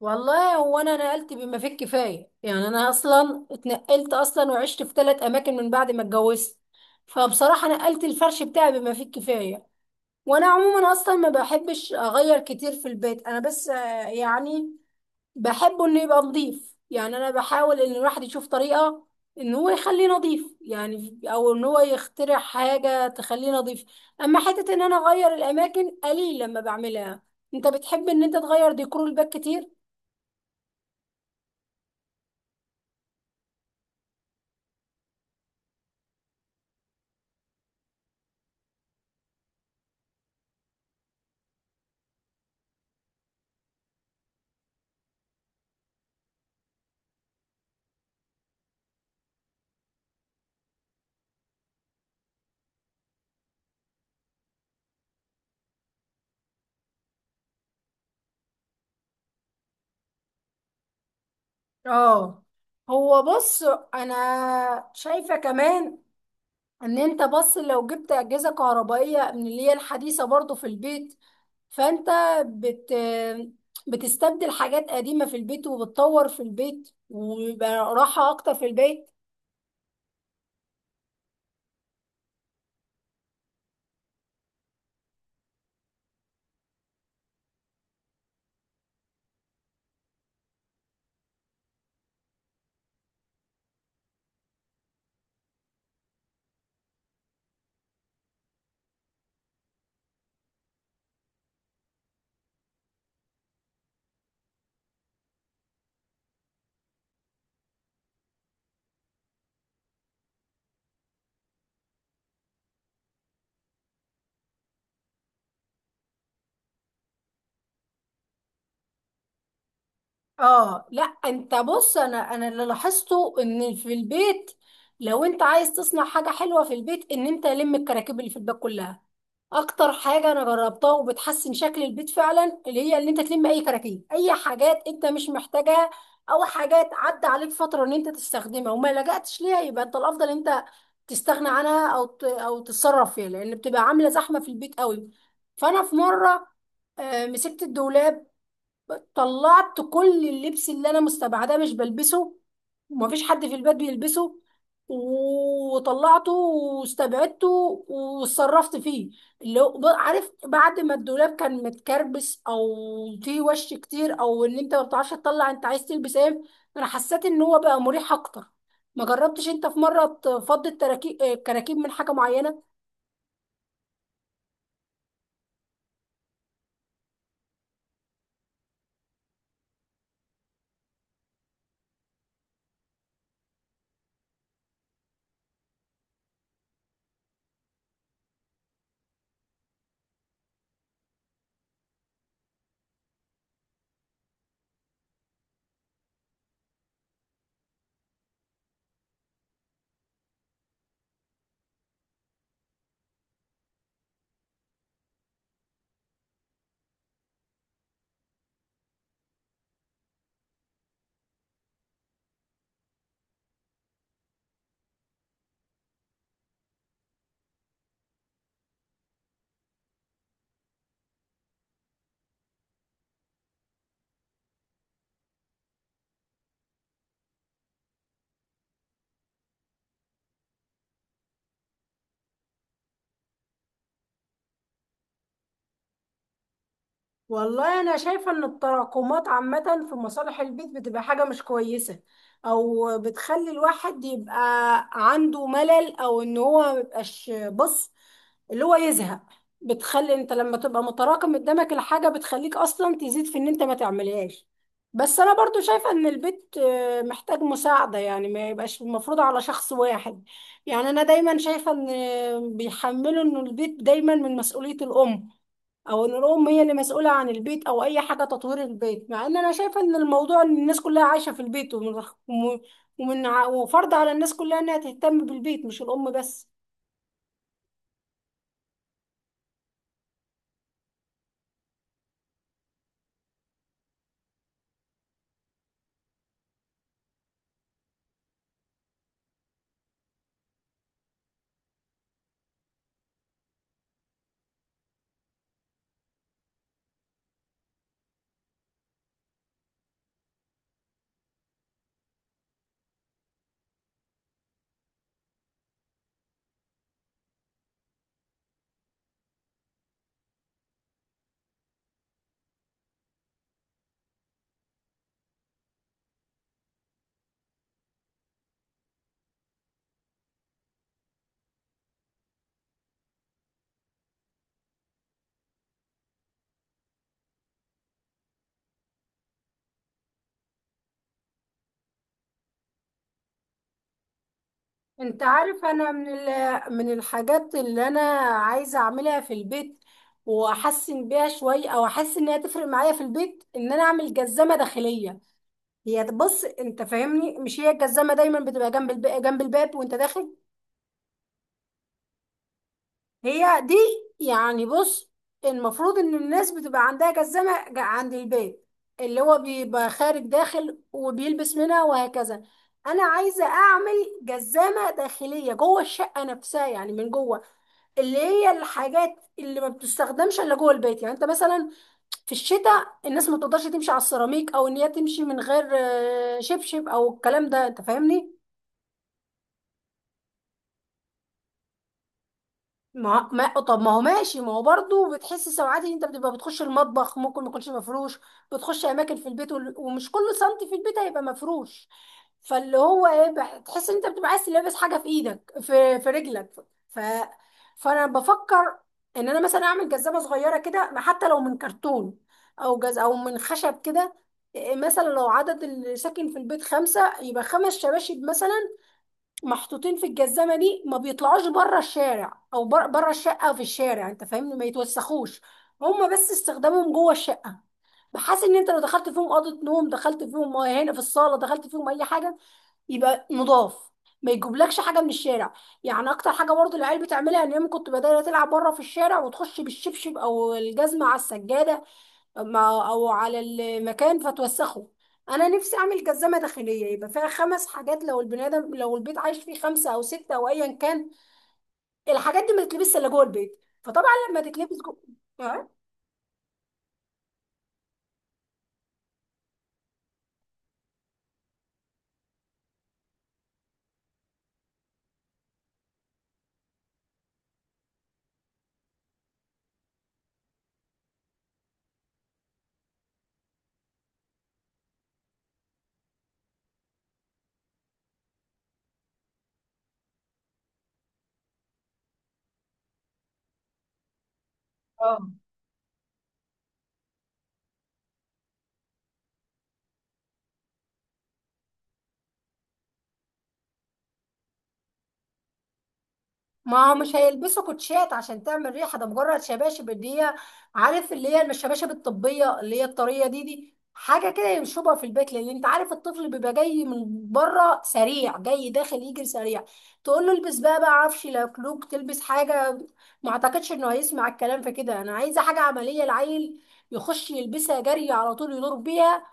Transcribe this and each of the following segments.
والله هو انا نقلت بما فيه الكفايه. يعني انا اصلا اتنقلت اصلا وعشت في 3 اماكن من بعد ما اتجوزت. فبصراحه نقلت الفرش بتاعي بما فيه الكفايه. وانا عموما اصلا ما بحبش اغير كتير في البيت، انا بس يعني بحبه انه يبقى نظيف. يعني انا بحاول ان الواحد يشوف طريقه ان هو يخليه نظيف، يعني او ان هو يخترع حاجه تخليه نظيف. اما حته ان انا اغير الاماكن قليل لما بعملها. انت بتحب ان انت تغير ديكور البيت كتير؟ اه، هو بص، انا شايفة كمان ان انت بص، لو جبت اجهزة كهربائية من اللي هي الحديثة برضو في البيت، فانت بت بتستبدل حاجات قديمة في البيت وبتطور في البيت، ويبقى راحة اكتر في البيت. اه لا، انت بص، انا اللي لاحظته ان في البيت، لو انت عايز تصنع حاجه حلوه في البيت، ان انت لم الكراكيب اللي في البيت كلها. اكتر حاجه انا جربتها وبتحسن شكل البيت فعلا، اللي هي اللي انت تلم اي كراكيب، اي حاجات انت مش محتاجها او حاجات عدى عليك فتره ان انت تستخدمها وما لجأتش ليها، يبقى انت الافضل انت تستغنى عنها او او تتصرف فيها، لان بتبقى عامله زحمه في البيت قوي. فانا في مره مسكت الدولاب، طلعت كل اللبس اللي انا مستبعداه مش بلبسه ومفيش حد في البيت بيلبسه، وطلعته واستبعدته واتصرفت فيه. اللي هو عارف، بعد ما الدولاب كان متكربس او فيه وش كتير او ان انت ما بتعرفش تطلع انت عايز تلبس ايه، انا حسيت ان هو بقى مريح اكتر. ما جربتش انت في مره تفضي التراكيب الكراكيب من حاجه معينه؟ والله انا شايفه ان التراكمات عامه في مصالح البيت بتبقى حاجه مش كويسه، او بتخلي الواحد يبقى عنده ملل او ان هو ميبقاش بص، اللي هو يزهق. بتخلي انت لما تبقى متراكم قدامك الحاجه بتخليك اصلا تزيد في ان انت ما تعملهاش. بس انا برضو شايفه ان البيت محتاج مساعده، يعني ما يبقاش المفروض على شخص واحد. يعني انا دايما شايفه ان بيحملوا ان البيت دايما من مسؤوليه الام، او ان الام هي اللي مسؤوله عن البيت او اي حاجه تطوير البيت، مع ان انا شايفه ان الموضوع ان الناس كلها عايشه في البيت وم- ومن وفرض على الناس كلها انها تهتم بالبيت مش الام بس. انت عارف، انا من الحاجات اللي انا عايزه اعملها في البيت واحسن بيها شويه او احس انها تفرق معايا في البيت ان انا اعمل جزمه داخليه. هي بص، انت فاهمني مش هي الجزمه دايما بتبقى جنب الباب وانت داخل؟ هي دي. يعني بص، المفروض ان الناس بتبقى عندها جزمة عند البيت، اللي هو بيبقى خارج داخل وبيلبس منها وهكذا. انا عايزة اعمل جزمة داخلية جوه الشقة نفسها، يعني من جوه. اللي هي الحاجات اللي ما بتستخدمش الا جوه البيت، يعني انت مثلا في الشتاء الناس ما تقدرش تمشي على السيراميك او ان هي تمشي من غير شبشب او الكلام ده، انت فاهمني. ما طب ما هو ماشي، ما هو برضه بتحس ساعات ان انت بتبقى بتخش المطبخ ممكن ما يكونش مفروش، بتخش اماكن في البيت ومش كل سنتي في البيت هيبقى مفروش، فاللي هو ايه، تحس ان انت بتبقى عايز تلبس حاجه في ايدك، في رجلك. ف فانا بفكر ان انا مثلا اعمل جزمه صغيره كده، ما حتى لو من كرتون او من خشب كده. إيه، مثلا لو عدد اللي ساكن في البيت 5، يبقى 5 شباشب مثلا محطوطين في الجزمه دي، ما بيطلعوش بره الشارع او بره الشقه او في الشارع، انت فاهمني، ما يتوسخوش. هما بس استخدامهم جوه الشقه، بحيث ان انت لو دخلت فيهم اوضه نوم، دخلت فيهم هنا في الصاله، دخلت فيهم اي حاجه، يبقى نضاف، ما يجيبلكش حاجه من الشارع. يعني اكتر حاجه برضه العيال بتعملها ان هي كنت بدأت تلعب بره في الشارع، وتخش بالشبشب او الجزمه على السجاده او على المكان فتوسخه. انا نفسي اعمل جزمه داخليه يبقى فيها 5 حاجات، لو البني ادم، لو البيت عايش فيه 5 او 6 او ايا كان، الحاجات دي ما تتلبسش الا جوه البيت، فطبعا لما تتلبس جوه. اه، ما هو مش هيلبسوا كوتشات عشان تعمل ريحه، ده مجرد شباشب اللي هي، عارف، اللي هي الشباشب الطبيه اللي هي الطريه دي، حاجه كده يشربها في البيت، لان انت عارف الطفل بيبقى جاي من بره سريع، جاي داخل يجري سريع، تقول له البس بقى عفش لكلوك تلبس حاجه، ما اعتقدش انه هيسمع الكلام في كده. انا عايزه حاجه عمليه، العيل يخش يلبسها جري على طول يدور بيها،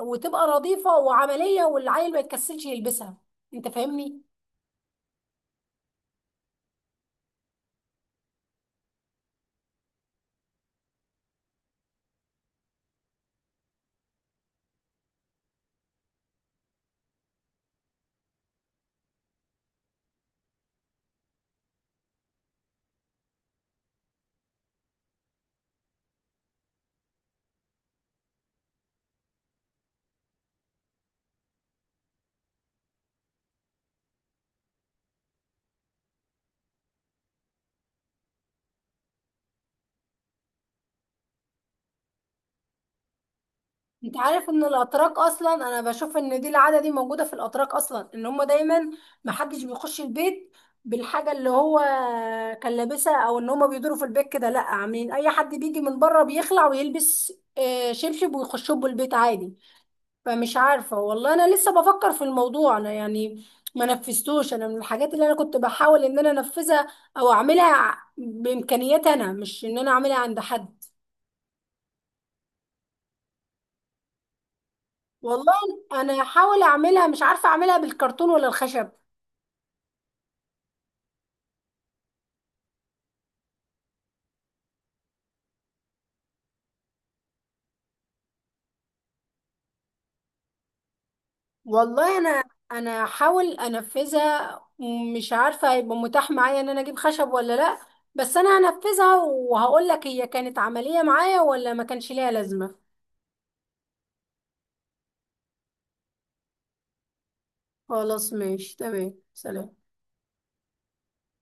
وتبقى نظيفه وعمليه، والعيل ما يتكسلش يلبسها، انت فاهمني. انت عارف ان الاتراك اصلا، انا بشوف ان دي العاده دي موجوده في الاتراك اصلا، ان هم دايما ما حدش بيخش البيت بالحاجه اللي هو كان لابسها، او ان هم بيدوروا في البيت كده لا، عاملين اي حد بيجي من بره بيخلع ويلبس شبشب ويخشوا البيت عادي. فمش عارفه والله، انا لسه بفكر في الموضوع، انا يعني ما نفذتوش. انا من الحاجات اللي انا كنت بحاول ان انا انفذها او اعملها بامكانياتي انا، مش ان انا اعملها عند حد. والله انا هحاول اعملها، مش عارفه اعملها بالكرتون ولا الخشب. والله انا هحاول انفذها، مش عارفه هيبقى متاح معايا ان انا اجيب خشب ولا لا، بس انا هنفذها وهقول لك هي كانت عمليه معايا ولا ما كانش ليها لازمه. خلاص، ماشي تمام، سلام.